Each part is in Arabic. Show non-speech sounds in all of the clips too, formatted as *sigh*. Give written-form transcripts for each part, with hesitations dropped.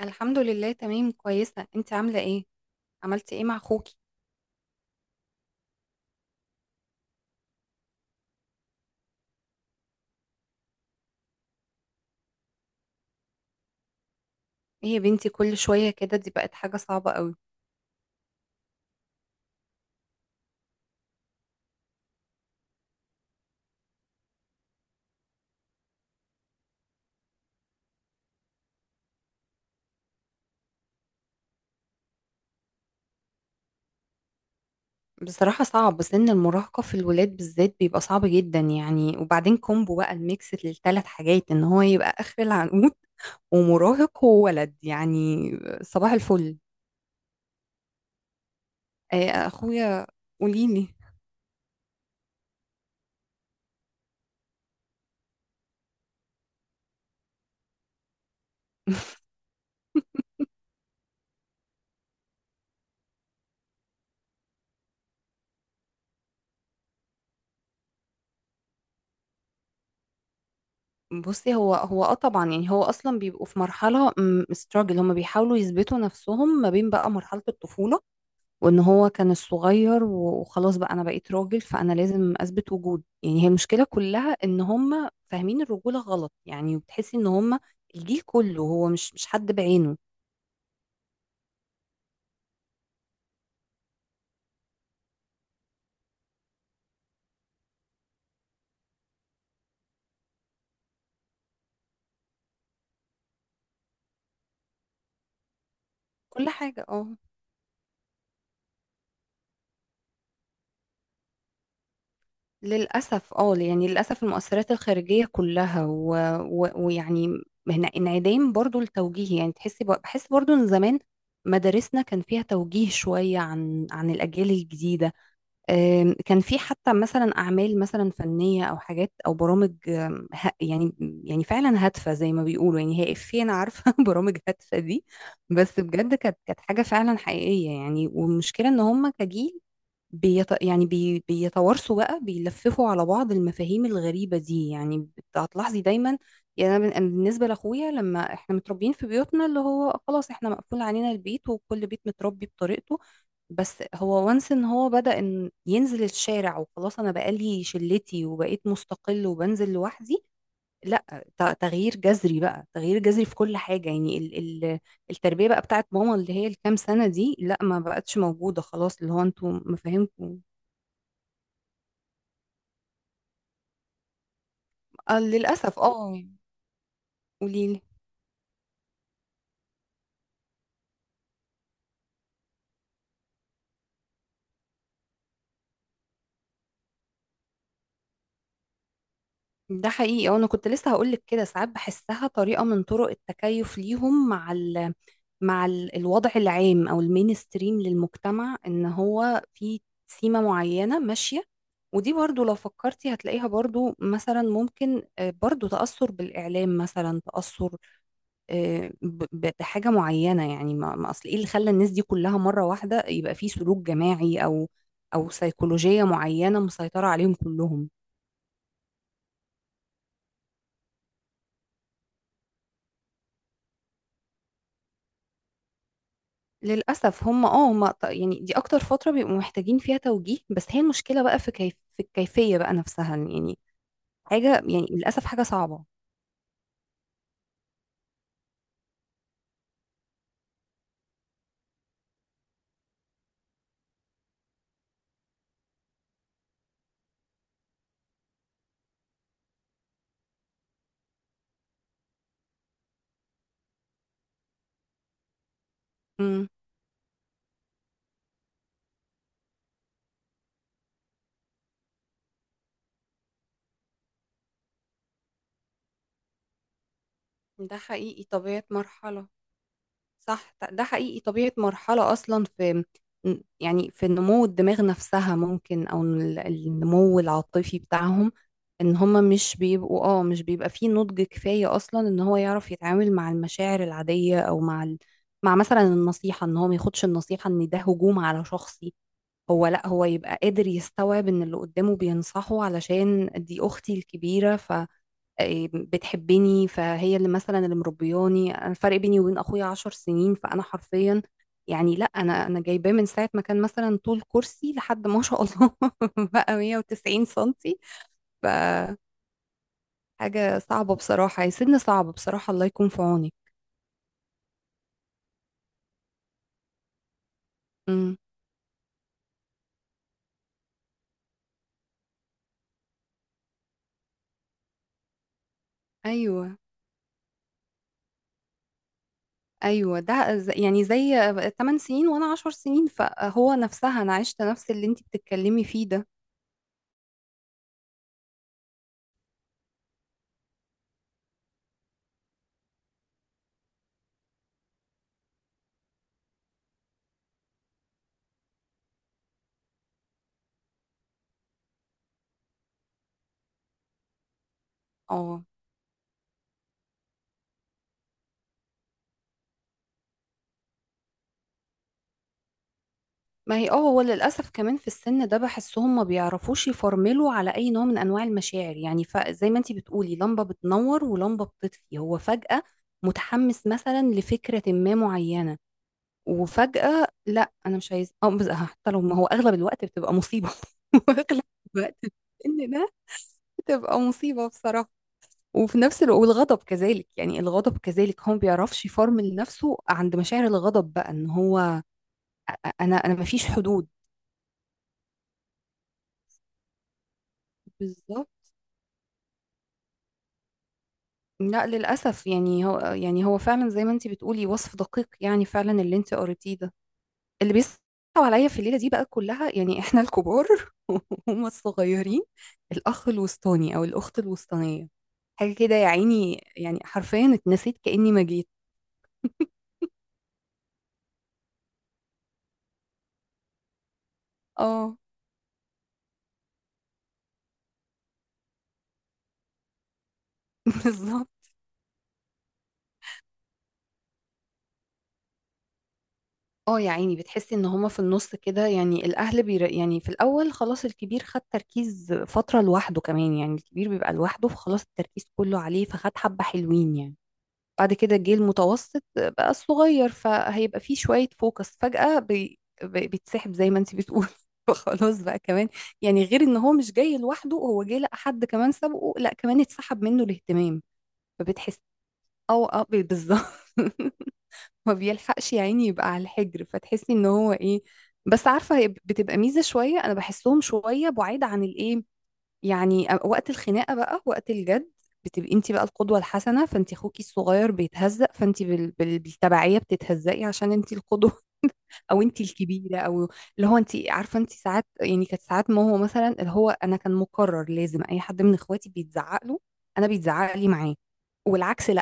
الحمد لله، تمام، كويسة. انت عاملة ايه؟ عملتي ايه مع اخوكي؟ ايه يا بنتي، كل شوية كده؟ دي بقت حاجة صعبة قوي. بصراحة صعب، سن المراهقة في الولاد بالذات بيبقى صعب جدا يعني. وبعدين كومبو بقى، الميكس للثلاث حاجات، ان هو يبقى اخر العنقود ومراهق وولد يعني. صباح الفل. ايه اخويا؟ قوليلي. *laughs* بصي، هو طبعا يعني، هو اصلا بيبقوا في مرحله ستراجل، هما بيحاولوا يثبتوا نفسهم ما بين بقى مرحله الطفوله وان هو كان الصغير وخلاص بقى انا بقيت راجل، فانا لازم اثبت وجود يعني. هي المشكله كلها ان هم فاهمين الرجوله غلط يعني، وبتحسي ان هم الجيل كله، هو مش حد بعينه. كل حاجه، للاسف. اه يعني للاسف المؤثرات الخارجيه كلها ويعني هنا انعدام برضو التوجيه يعني. تحسي بحس برضو ان زمان مدارسنا كان فيها توجيه شويه عن الاجيال الجديده. كان في حتى مثلا أعمال مثلا فنية أو حاجات أو برامج، يعني يعني فعلا هادفة زي ما بيقولوا يعني. هي إفيه أنا عارفة، *laughs* برامج هادفة دي. بس بجد كانت حاجة فعلا حقيقية يعني. والمشكلة إن هم كجيل بيت يعني بي بيتوارثوا بقى، بيلففوا على بعض المفاهيم الغريبة دي يعني. هتلاحظي دايما. يعني أنا بالنسبة لأخويا، لما إحنا متربيين في بيوتنا، اللي هو خلاص إحنا مقفول علينا البيت، وكل بيت متربي بطريقته. بس هو وانس ان هو بدأ ان ينزل الشارع، وخلاص انا بقالي شلتي وبقيت مستقل وبنزل لوحدي. لا، تغيير جذري بقى، تغيير جذري في كل حاجة يعني. ال التربية بقى بتاعت ماما اللي هي الكام سنة دي، لا، ما بقتش موجودة. خلاص، اللي هو انتوا مفاهيمكم. آه، للأسف، اه. قوليلي. ده حقيقي، وانا كنت لسه هقولك كده. ساعات بحسها طريقة من طرق التكيف ليهم مع الوضع العام او المينستريم للمجتمع، ان هو في سيمة معينة ماشية. ودي برضو لو فكرتي هتلاقيها برضو، مثلا ممكن، برضو تأثر بالإعلام مثلا، تأثر بحاجة معينة يعني. ما أصل إيه اللي خلى الناس دي كلها مرة واحدة يبقى في سلوك جماعي أو أو سيكولوجية معينة مسيطرة عليهم كلهم. للأسف هم اه هم ط- يعني دي أكتر فترة بيبقوا محتاجين فيها توجيه. بس هي المشكلة بقى في كيف، في الكيفية بقى نفسها يعني. حاجة يعني، للأسف حاجة صعبة. امم ده حقيقي، طبيعة مرحلة. صح، ده حقيقي طبيعة مرحلة أصلا في، يعني في نمو الدماغ نفسها ممكن، أو النمو العاطفي بتاعهم. إن هما مش بيبقوا اه مش بيبقى فيه نضج كفاية أصلا، إن هو يعرف يتعامل مع المشاعر العادية، أو مع مثلا النصيحة، إن هو ما ياخدش النصيحة، إن ده هجوم على شخصي. هو لأ، هو يبقى قادر يستوعب إن اللي قدامه بينصحه، علشان دي أختي الكبيرة، إيه، بتحبني، فهي اللي مثلا اللي مربياني. انا الفرق بيني وبين اخويا 10 سنين، فانا حرفيا يعني لا، انا جايباه من ساعه ما كان مثلا طول كرسي لحد ما شاء الله، *laughs* بقى 190 سنتي. فحاجه صعبه بصراحه، يا سن صعب بصراحه. الله يكون في عونك. امم ايوه، ايوه. يعني زي 8 سنين وانا 10 سنين، فهو نفسها انا عشت نفس اللي انت بتتكلمي فيه ده. اه، ما هي هو للأسف كمان في السن ده بحسهم ما بيعرفوش يفرملوا على أي نوع من أنواع المشاعر يعني. فزي ما انتي بتقولي لمبة بتنور ولمبة بتطفي، هو فجأة متحمس مثلا لفكرة ما معينة، وفجأة لا أنا مش عايز، حتى لو، ما هو أغلب الوقت بتبقى مصيبة. *laughs* وأغلب الوقت إن ده بتبقى مصيبة بصراحة. وفي نفس الوقت، والغضب كذلك يعني. الغضب كذلك، هو ما بيعرفش يفرمل نفسه عند مشاعر الغضب، بقى ان هو انا ما فيش حدود. بالظبط. لا، للأسف يعني. هو فعلا زي ما انتي بتقولي، وصف دقيق يعني، فعلا اللي انتي قريتيه ده. اللي بيصعب عليا في الليلة دي بقى كلها، يعني احنا الكبار *laughs* وهم الصغيرين. الأخ الوسطاني أو الأخت الوسطانية، حاجة كده يا عيني، يعني حرفيا اتنسيت كأني ما جيت. اه. *laughs* بالظبط. اه يا عيني، بتحسي ان هما في النص كده يعني. الأهل بير يعني، في الأول خلاص الكبير خد تركيز فترة لوحده، كمان يعني الكبير بيبقى لوحده، فخلاص التركيز كله عليه فخد حبة حلوين يعني. بعد كده جه المتوسط بقى الصغير، فهيبقى فيه شوية فوكس فجأة بيتسحب زي ما انت بتقول. *laughs* فخلاص بقى كمان يعني، غير ان هو مش جاي لوحده، هو جه لقى حد كمان سبقه، لا كمان اتسحب منه الاهتمام. فبتحس او اه ب- بالظبط. *laughs* ما بيلحقش يا عيني، يبقى على الحجر، فتحسي ان هو ايه. بس عارفة، هي بتبقى ميزة شوية، انا بحسهم شوية بعيد عن الايه، يعني وقت الخناقه بقى، وقت الجد. بتبقي انت بقى القدوه الحسنه، فانت اخوكي الصغير بيتهزق، فانت بالتبعيه بتتهزقي عشان انت القدوه. *laughs* او انت الكبيره، او اللي هو انت عارفه. انت ساعات يعني، كانت ساعات، ما هو مثلا اللي هو، انا كان مقرر لازم اي حد من اخواتي بيتزعق له، انا بيتزعق لي معاه، والعكس لا.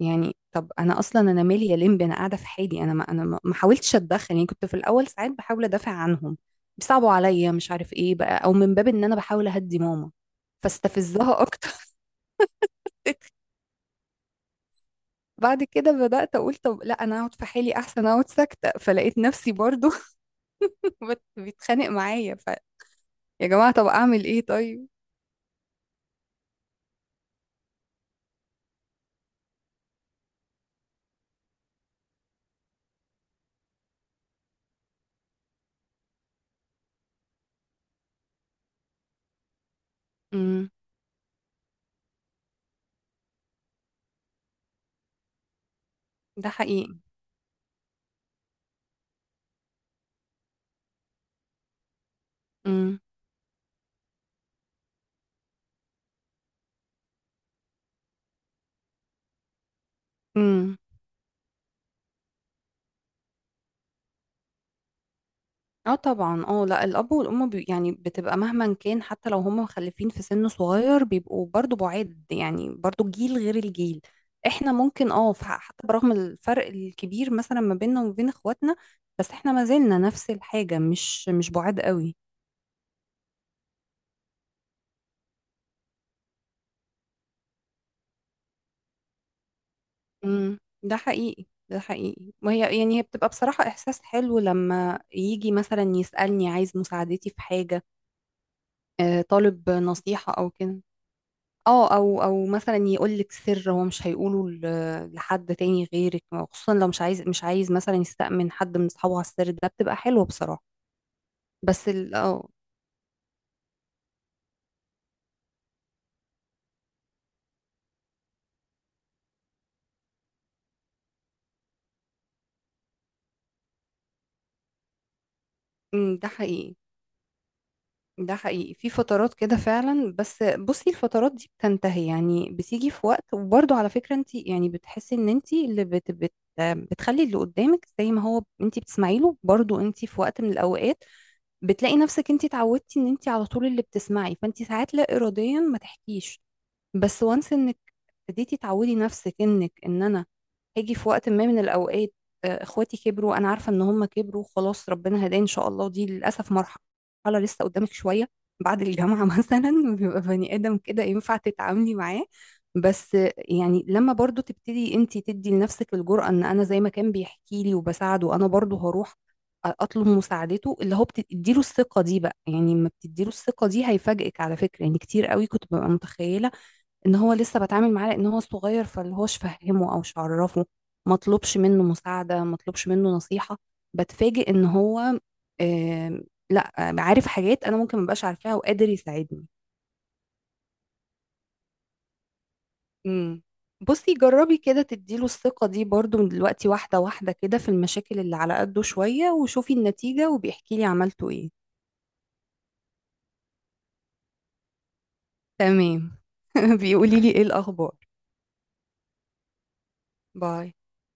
يعني طب انا اصلا انا مالي يا لمبي، انا قاعده في حالي، انا ما حاولتش اتدخل. يعني كنت في الاول ساعات بحاول ادافع عنهم، بيصعبوا عليا مش عارف ايه بقى، او من باب ان انا بحاول اهدي ماما فاستفزها اكتر. *laughs* بعد كده بدات اقول طب لا، انا اقعد في حالي احسن، اقعد ساكته، فلقيت نفسي برضو *laughs* بيتخانق معايا. يا جماعه، طب اعمل ايه طيب؟ امم ده حقيقي. امم. إمم. اه طبعا، لا، الاب والام يعني بتبقى مهما كان. حتى لو هم مخلفين في سن صغير، بيبقوا برضو بعاد يعني، برضو جيل غير الجيل احنا ممكن اه. حتى برغم الفرق الكبير، مثلا ما بيننا وما بين اخواتنا، بس احنا ما زلنا نفس الحاجة، مش بعاد قوي. ده حقيقي، ده حقيقي. وهي يعني هي بتبقى بصراحة احساس حلو لما يجي مثلا يسألني عايز مساعدتي في حاجة، طالب نصيحة او كده. اه، او مثلا يقول لك سر هو مش هيقوله لحد تاني غيرك، خصوصا لو مش عايز مثلا يستأمن حد من اصحابه على السر ده، بتبقى حلوة بصراحة. بس، ال اه أمم، ده حقيقي، ده حقيقي، في فترات كده فعلا. بس بصي، الفترات دي بتنتهي يعني، بتيجي في وقت. وبرضه على فكرة انت يعني بتحسي ان انت اللي بت بت بتخلي اللي قدامك، زي ما هو انت بتسمعي له برضه، انت في وقت من الاوقات بتلاقي نفسك انت اتعودتي ان انت على طول اللي بتسمعي، فانت ساعات لا اراديا ما تحكيش. بس وانس انك ابتديتي تعودي نفسك انك، ان انا هاجي في وقت ما من الاوقات. اخواتي كبروا، انا عارفه ان هم كبروا. خلاص ربنا هداه ان شاء الله، دي للاسف مرحله لسه قدامك شويه. بعد الجامعه *laughs* مثلا بيبقى بني ادم كده ينفع تتعاملي معاه. بس يعني لما برضو تبتدي انت تدي لنفسك الجرأة ان انا زي ما كان بيحكي لي وبساعده، انا برضو هروح اطلب مساعدته، اللي هو بتديله الثقة دي بقى يعني. لما بتديله الثقة دي، هيفاجئك على فكرة يعني. كتير قوي كنت ببقى متخيلة ان هو لسه بتعامل معاه لان هو صغير، فاللي هوش فهمه او مش عرفه ما طلبش منه مساعده، ما طلبش منه نصيحه. بتفاجئ ان هو، آم، لا، عارف حاجات انا ممكن مبقاش عارفاها وقادر يساعدني. امم. بصي، جربي كده تديله الثقه دي برضو من دلوقتي، واحده واحده كده، في المشاكل اللي على قده شويه، وشوفي النتيجه وبيحكي لي عملتوا ايه. تمام. *laughs* بيقولي لي ايه الاخبار؟ باي.